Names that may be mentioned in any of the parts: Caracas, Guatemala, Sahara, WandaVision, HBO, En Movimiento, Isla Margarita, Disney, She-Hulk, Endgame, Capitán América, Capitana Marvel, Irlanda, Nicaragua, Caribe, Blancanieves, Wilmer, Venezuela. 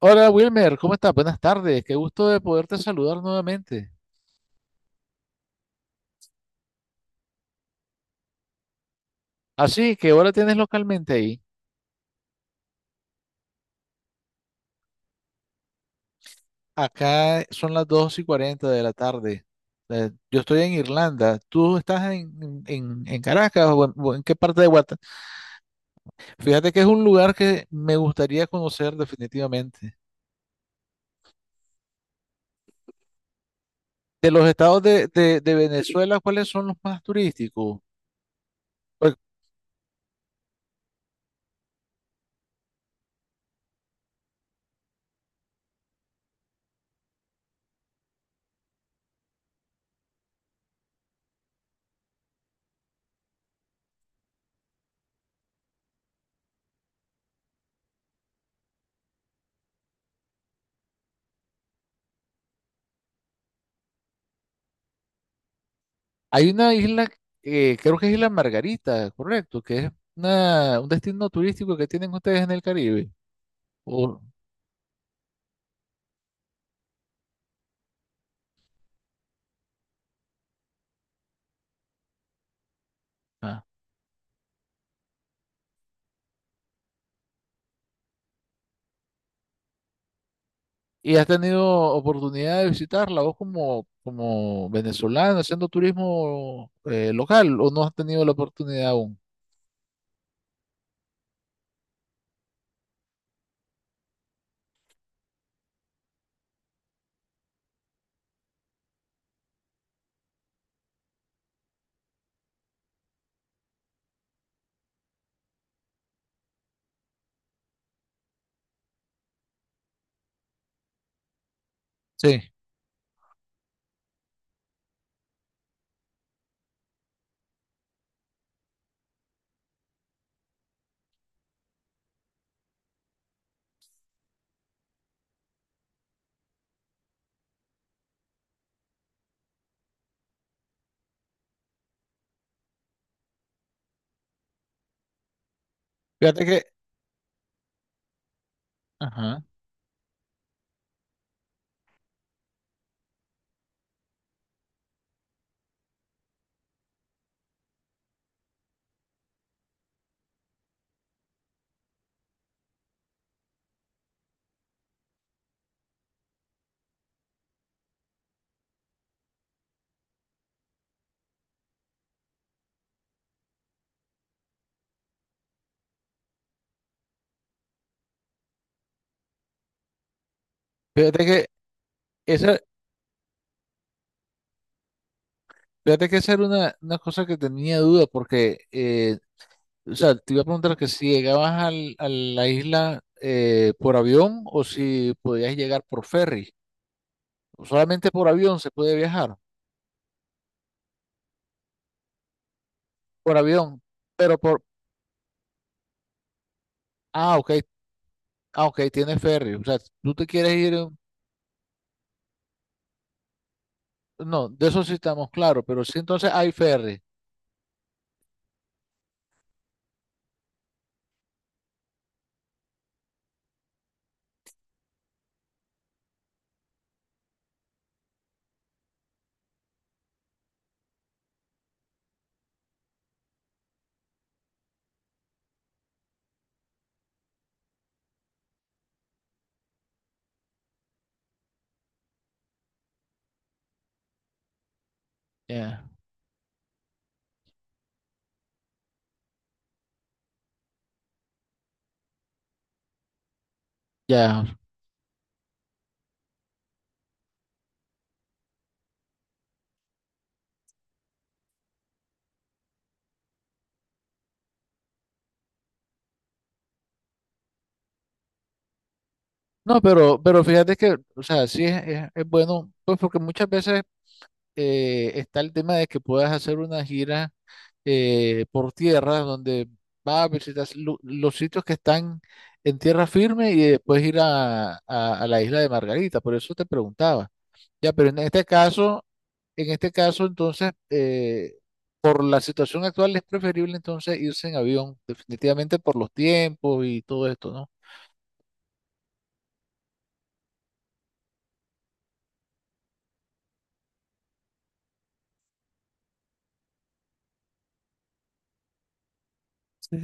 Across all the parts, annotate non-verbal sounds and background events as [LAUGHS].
Hola Wilmer, ¿cómo estás? Buenas tardes, qué gusto de poderte saludar nuevamente. Así, ¿qué hora tienes localmente ahí? Acá son las 2 y 40 de la tarde. Yo estoy en Irlanda, ¿tú estás en Caracas o en qué parte de Guatemala? Fíjate que es un lugar que me gustaría conocer definitivamente. De los estados de Venezuela, ¿cuáles son los más turísticos? Porque hay una isla, creo que es Isla Margarita, correcto, que es un destino turístico que tienen ustedes en el Caribe. O- ah. ¿Y has tenido oportunidad de visitarla vos como venezolano haciendo turismo local o no has tenido la oportunidad aún? Sí, fíjate que, ajá, fíjate que esa, fíjate que esa era una cosa que tenía duda porque, o sea, te iba a preguntar que si llegabas a la isla por avión o si podías llegar por ferry. Solamente por avión se puede viajar, por avión, pero por, ah, ok. Ah, ok, tiene ferry. O sea, tú te quieres ir. No, de eso sí estamos claros, pero sí, entonces hay ferry. Ya, ya. No, pero fíjate que, o sea, sí es bueno, pues porque muchas veces está el tema de que puedas hacer una gira por tierra donde vas a visitar los sitios que están en tierra firme y después ir a la isla de Margarita. Por eso te preguntaba. Ya, pero en este caso, entonces, por la situación actual es preferible entonces irse en avión, definitivamente por los tiempos y todo esto, ¿no? Sí.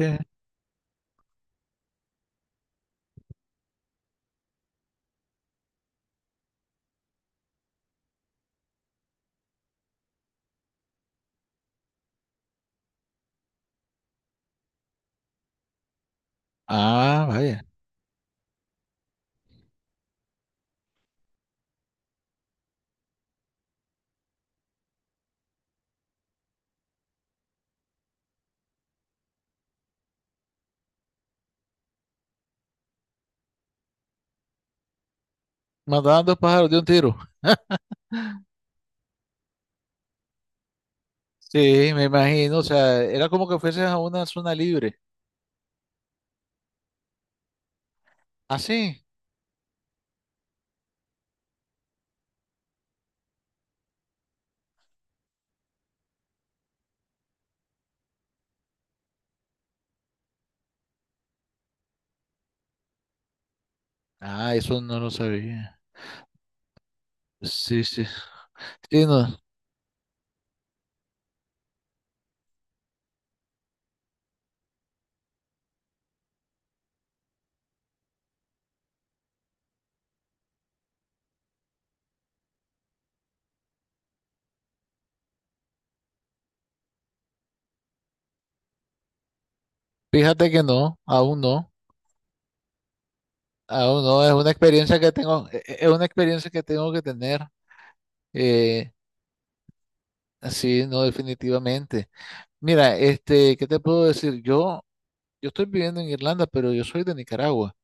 Ah, vaya. Mandaban dos pájaros de un tiro. Sí, me imagino, o sea, era como que fueses a una zona libre. ¿Ah, sí? Ah, eso no lo sabía. Sí, sí. Sí, no. Fíjate que no, aún no. Aún no, es una experiencia que tengo, es una experiencia que tengo que tener. eh, Sí, no, definitivamente. Mira, este, ¿qué te puedo decir? Yo estoy viviendo en Irlanda, pero yo soy de Nicaragua,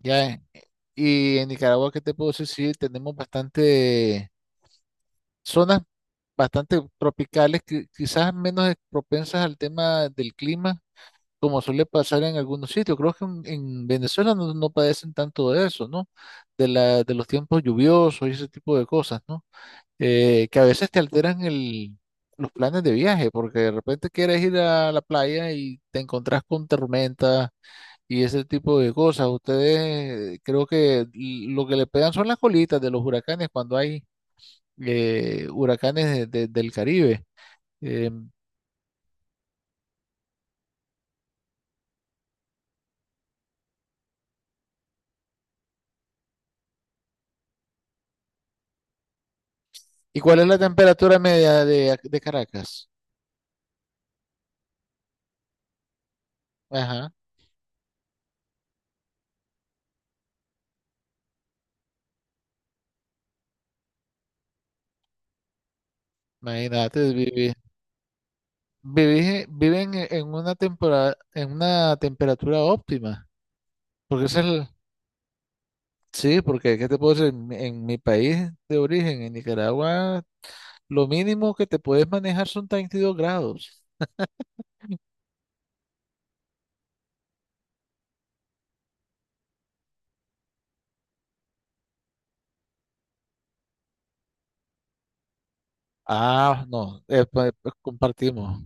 ya. Y en Nicaragua, ¿qué te puedo decir? Sí, tenemos bastante zonas bastante tropicales, que quizás menos propensas al tema del clima, como suele pasar en algunos sitios. Creo que en Venezuela no padecen tanto de eso, ¿no? De los tiempos lluviosos y ese tipo de cosas, ¿no? Que a veces te alteran los planes de viaje, porque de repente quieres ir a la playa y te encontrás con tormentas y ese tipo de cosas. Ustedes creo que lo que le pegan son las colitas de los huracanes cuando hay huracanes del Caribe. Eh, ¿Y cuál es la temperatura media de Caracas? Ajá, imagínate, vivir. Viven en una temporada, en una temperatura óptima, porque esa es la. Sí, porque ¿qué te puedo decir? En mi país de origen, en Nicaragua, lo mínimo que te puedes manejar son 32 grados. Ah, no, compartimos.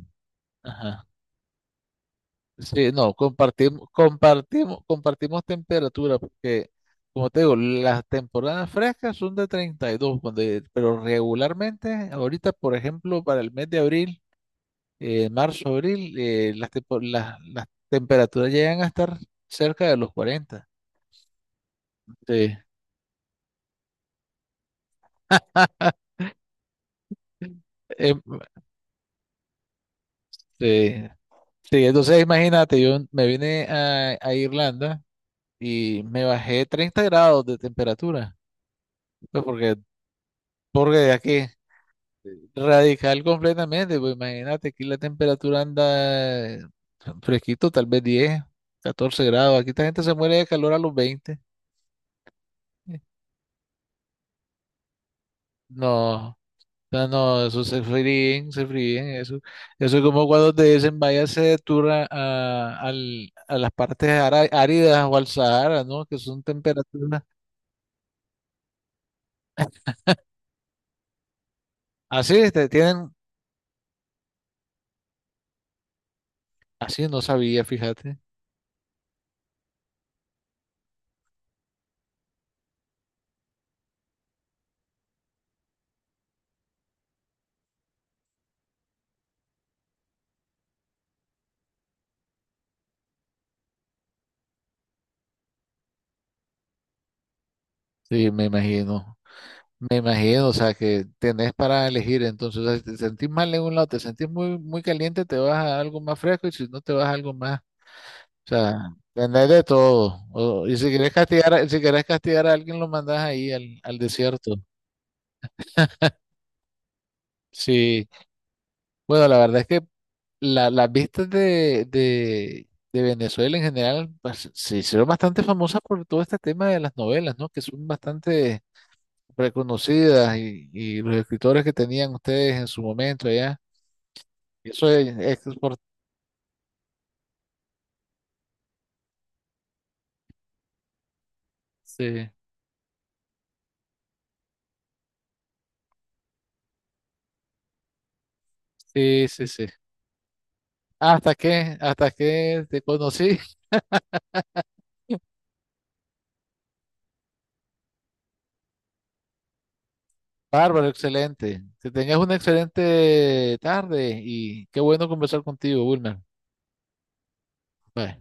Ajá. Sí, no, compartimos temperatura, porque, como te digo, las temporadas frescas son de 32, pero regularmente, ahorita, por ejemplo, para el mes de abril, marzo, abril, las, tempo- las temperaturas llegan a estar cerca de los 40. Sí. Em, Sí, sí, entonces imagínate, yo me vine a Irlanda y me bajé 30 grados de temperatura, pues porque aquí radical completamente, pues imagínate, aquí la temperatura anda fresquito, tal vez 10, 14 grados, aquí esta gente se muere de calor a los 20. No, no, no, eso se fríen, eso es como cuando te dicen váyase de tour a las partes áridas o al Sahara, ¿no? Que son temperaturas. Así es, te tienen, así no sabía, fíjate. Sí, me imagino. Me imagino, o sea, que tenés para elegir. Entonces, o sea, si te sentís mal en un lado, te sentís muy, muy caliente, te vas a algo más fresco y si no, te vas a algo más. O sea, tenés de todo. Y si querés castigar, si querés castigar a alguien, lo mandás ahí al desierto. Sí, bueno, la verdad es que las vistas de Venezuela en general pues, se hicieron bastante famosas por todo este tema de las novelas, ¿no? Que son bastante reconocidas y los escritores que tenían ustedes en su momento allá. Eso es por- Sí, sí, sí, sí. Hasta que te conocí. [LAUGHS] Bárbaro, excelente. Que tengas una excelente tarde y qué bueno conversar contigo, Wilmer. Bye.